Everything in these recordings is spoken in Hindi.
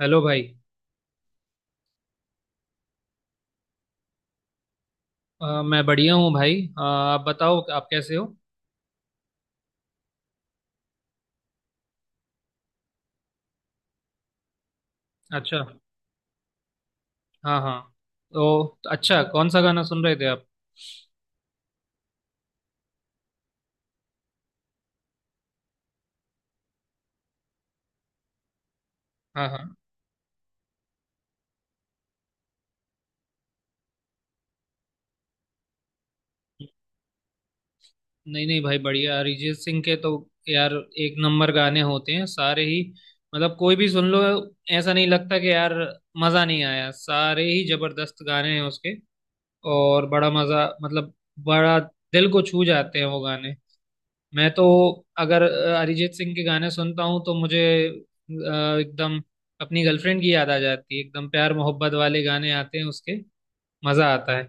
हेलो भाई। मैं बढ़िया हूँ भाई। आप बताओ, आप कैसे हो? अच्छा। हाँ हाँ। तो अच्छा, कौन सा गाना सुन रहे थे आप? हाँ हाँ। नहीं नहीं भाई, बढ़िया। अरिजीत सिंह के तो यार एक नंबर गाने होते हैं सारे ही। मतलब कोई भी सुन लो। ऐसा नहीं लगता कि यार मज़ा नहीं आया। सारे ही जबरदस्त गाने हैं उसके। और बड़ा मज़ा, मतलब बड़ा दिल को छू जाते हैं वो गाने। मैं तो अगर अरिजीत सिंह के गाने सुनता हूँ तो मुझे एकदम अपनी गर्लफ्रेंड की याद आ जाती है। एकदम प्यार मोहब्बत वाले गाने आते हैं उसके। मजा आता है।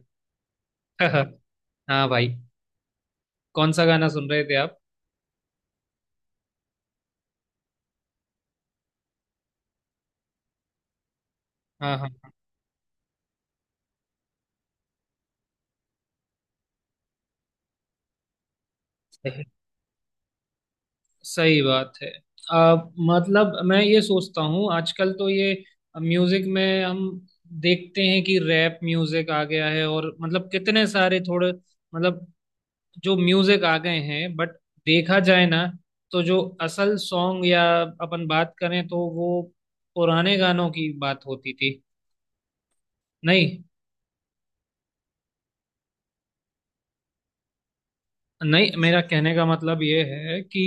हाँ भाई। कौन सा गाना सुन रहे थे आप? हाँ हाँ हाँ। सही, सही बात है। आ, मतलब मैं ये सोचता हूँ आजकल तो ये म्यूजिक में हम देखते हैं कि रैप म्यूजिक आ गया है, और मतलब कितने सारे थोड़े मतलब जो म्यूजिक आ गए हैं। बट देखा जाए ना तो जो असल सॉन्ग या अपन बात करें तो वो पुराने गानों की बात होती थी। नहीं। नहीं, मेरा कहने का मतलब ये है कि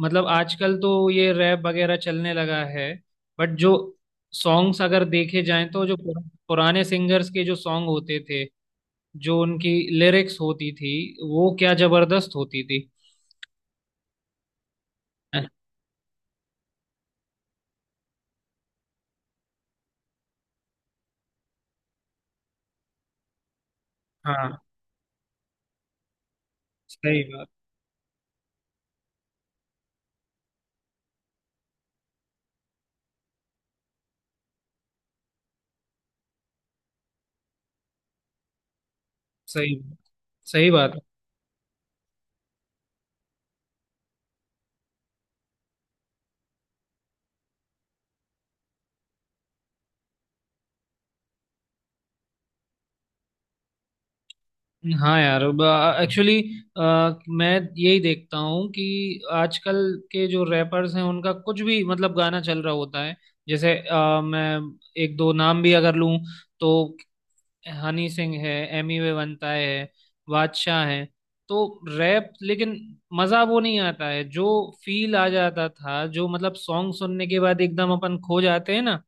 मतलब आजकल तो ये रैप वगैरह चलने लगा है। बट जो सॉन्ग्स अगर देखे जाएं तो जो पुराने सिंगर्स के जो सॉन्ग होते थे, जो उनकी लिरिक्स होती थी वो क्या जबरदस्त होती थी। हाँ। सही बात। सही बात। सही बात। हाँ यार। एक्चुअली मैं यही देखता हूँ कि आजकल के जो रैपर्स हैं उनका कुछ भी मतलब गाना चल रहा होता है। जैसे मैं एक दो नाम भी अगर लूँ तो हनी सिंह है, एमी वे वनता है, बादशाह है। तो रैप, लेकिन मज़ा वो नहीं आता है जो फील आ जाता था, जो मतलब सॉन्ग सुनने के बाद एकदम अपन खो जाते हैं ना,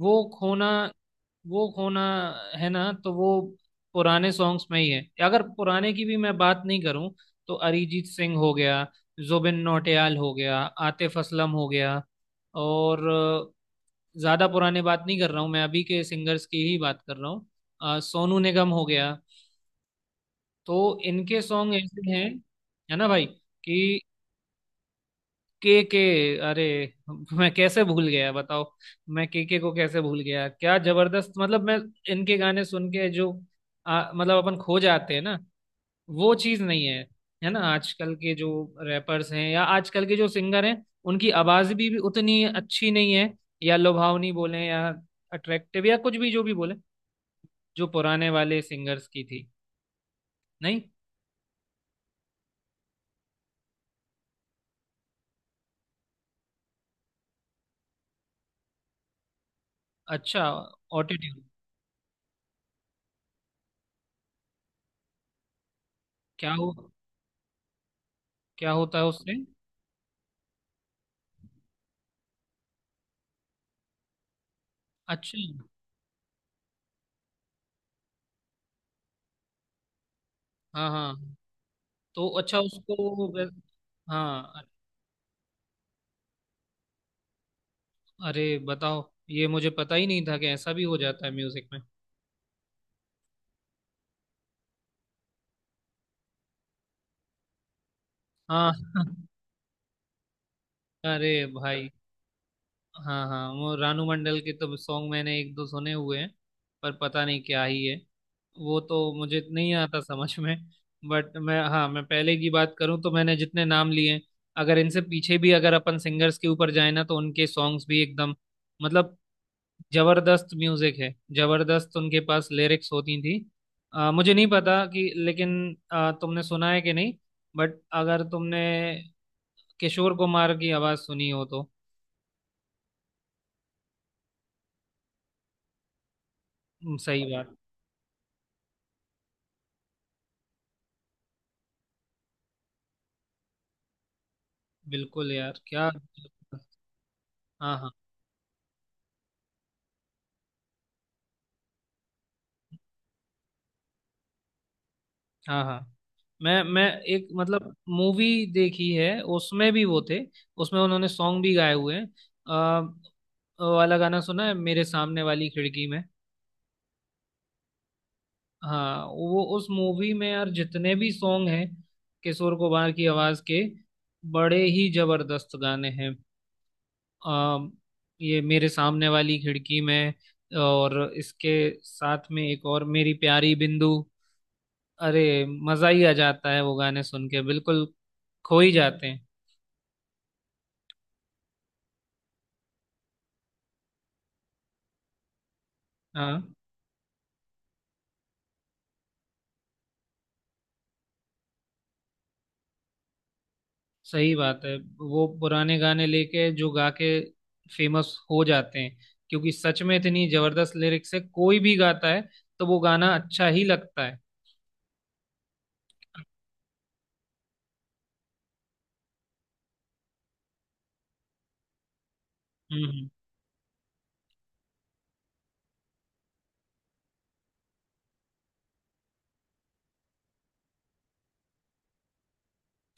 वो खोना, वो खोना है ना। तो वो पुराने सॉन्ग्स में ही है। अगर पुराने की भी मैं बात नहीं करूं तो अरिजीत सिंह हो गया, जुबिन नौटियाल हो गया, आतिफ असलम हो गया, और ज्यादा पुराने बात नहीं कर रहा हूं मैं, अभी के सिंगर्स की ही बात कर रहा हूँ, सोनू निगम हो गया। तो इनके सॉन्ग ऐसे हैं, है ना भाई कि के के। अरे मैं कैसे भूल गया बताओ? मैं के को कैसे भूल गया? क्या जबरदस्त, मतलब मैं इनके गाने सुन के जो मतलब अपन खो जाते हैं ना, वो चीज नहीं है, है ना आजकल के जो रैपर्स हैं या आजकल के जो सिंगर हैं। उनकी आवाज भी उतनी अच्छी नहीं है, या लुभावनी बोले या अट्रैक्टिव या कुछ भी जो भी बोले, जो पुराने वाले सिंगर्स की थी। नहीं। अच्छा। ऑटोट्यून? क्या हो, क्या होता है उससे? अच्छा। हाँ हाँ। तो अच्छा, उसको हाँ। अरे बताओ, ये मुझे पता ही नहीं था कि ऐसा भी हो जाता है म्यूजिक में। हाँ। अरे भाई। हाँ हाँ, वो रानू मंडल के तो सॉन्ग मैंने एक दो सुने हुए हैं। पर पता नहीं क्या ही है, वो तो मुझे नहीं आता समझ में। बट मैं, हाँ, मैं पहले की बात करूँ तो मैंने जितने नाम लिए, अगर इनसे पीछे भी अगर अपन सिंगर्स के ऊपर जाए ना तो उनके सॉन्ग्स भी एकदम मतलब जबरदस्त म्यूजिक है। जबरदस्त उनके पास लिरिक्स होती थी। मुझे नहीं पता कि, लेकिन तुमने सुना है कि नहीं, बट अगर तुमने किशोर कुमार की आवाज सुनी हो तो। सही बात। बिल्कुल यार क्या। हाँ हाँ हाँ हाँ। मैं एक मतलब मूवी देखी है, उसमें भी वो थे। उसमें उन्होंने सॉन्ग भी गाए हुए हैं। वो वाला गाना सुना है मेरे सामने वाली खिड़की में? हाँ, वो उस मूवी में यार जितने भी सॉन्ग हैं किशोर कुमार की आवाज के, बड़े ही जबरदस्त गाने हैं। आ, ये मेरे सामने वाली खिड़की में, और इसके साथ में एक और मेरी प्यारी बिंदु। अरे मजा ही आ जाता है वो गाने सुन के, बिल्कुल खो ही जाते हैं। हाँ। सही बात है। वो पुराने गाने लेके जो गा के फेमस हो जाते हैं, क्योंकि सच में इतनी जबरदस्त लिरिक्स है, कोई भी गाता है तो वो गाना अच्छा ही लगता है। हम्म, हम्म।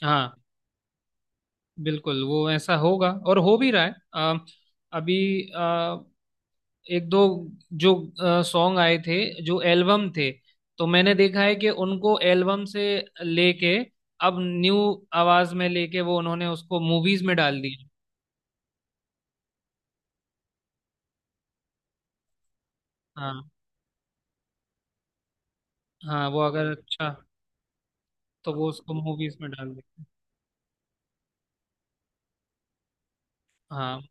हाँ। बिल्कुल वो ऐसा होगा, और हो भी रहा है। अभी अ, एक दो जो सॉन्ग आए थे, जो एल्बम थे, तो मैंने देखा है कि उनको एल्बम से लेके अब न्यू आवाज में लेके वो उन्होंने उसको मूवीज में डाल दिया। हाँ हाँ। वो अगर अच्छा तो वो उसको मूवीज में डाल देते हैं। हाँ।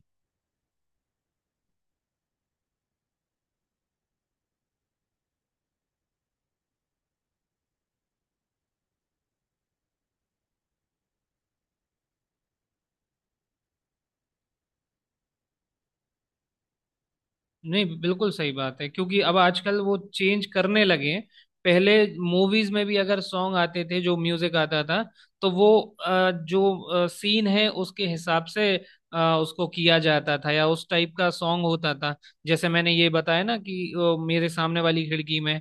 नहीं, बिल्कुल सही बात है, क्योंकि अब आजकल वो चेंज करने लगे हैं। पहले मूवीज में भी अगर सॉन्ग आते थे, जो म्यूजिक आता था तो वो जो सीन है उसके हिसाब से उसको किया जाता था, या उस टाइप का सॉन्ग होता था। जैसे मैंने ये बताया ना कि मेरे सामने वाली खिड़की में,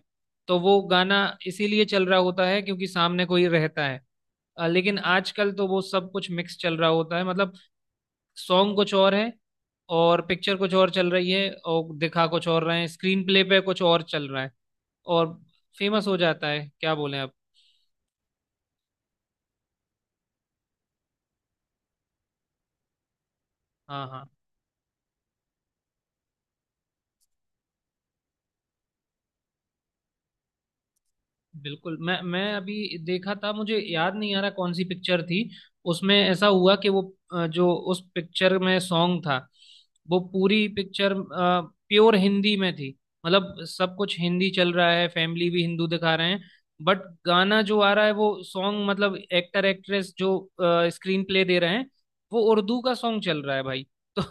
तो वो गाना इसीलिए चल रहा होता है क्योंकि सामने कोई रहता है। लेकिन आजकल तो वो सब कुछ मिक्स चल रहा होता है। मतलब सॉन्ग कुछ और है, और पिक्चर कुछ और चल रही है, और दिखा कुछ और रहे हैं, स्क्रीन प्ले पे कुछ और चल रहा है, और फेमस हो जाता है। क्या बोले आप? हाँ हाँ। बिल्कुल। मैं अभी देखा था, मुझे याद नहीं आ रहा कौन सी पिक्चर थी। उसमें ऐसा हुआ कि वो जो उस पिक्चर में सॉन्ग था, वो पूरी पिक्चर प्योर हिंदी में थी। मतलब सब कुछ हिंदी चल रहा है, फैमिली भी हिंदू दिखा रहे हैं। बट गाना जो आ रहा है वो सॉन्ग, मतलब एक्टर एक्ट्रेस जो स्क्रीन प्ले दे रहे हैं, वो उर्दू का सॉन्ग चल रहा है भाई। तो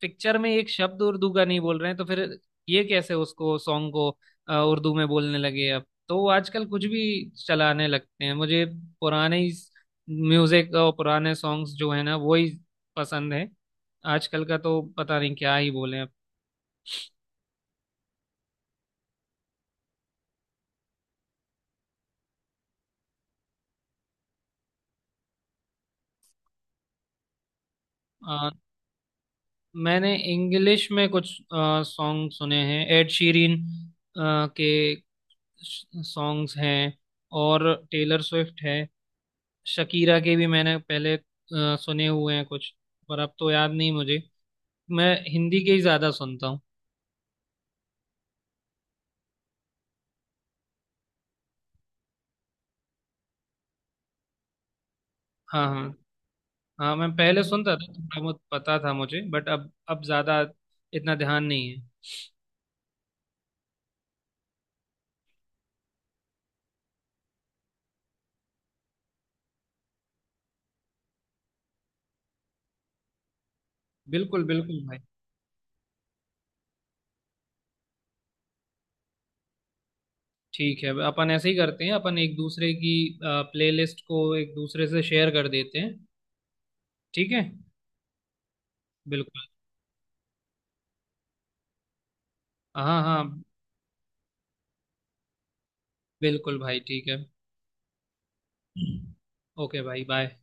पिक्चर में एक शब्द उर्दू का नहीं बोल रहे हैं, तो फिर ये कैसे उसको सॉन्ग को उर्दू में बोलने लगे अब। तो वो आजकल कुछ भी चलाने लगते हैं। मुझे पुराने ही म्यूजिक और पुराने सॉन्ग्स जो है ना वो ही पसंद है। आजकल का तो पता नहीं क्या ही बोले अब। अ, मैंने इंग्लिश में कुछ सॉन्ग सुने हैं, एड शीरिन के सॉन्ग्स हैं, और टेलर स्विफ्ट है। शकीरा के भी मैंने पहले सुने हुए हैं कुछ, पर अब तो याद नहीं मुझे। मैं हिंदी के ही ज्यादा सुनता हूँ। हाँ हाँ। हाँ मैं पहले सुनता था, थोड़ा बहुत पता था मुझे, बट अब ज्यादा इतना ध्यान नहीं है। बिल्कुल बिल्कुल भाई। ठीक है, अपन ऐसे ही करते हैं, अपन एक दूसरे की प्लेलिस्ट को एक दूसरे से शेयर कर देते हैं। ठीक है। बिल्कुल। हाँ हाँ। बिल्कुल भाई, ठीक है। ओके भाई, बाय।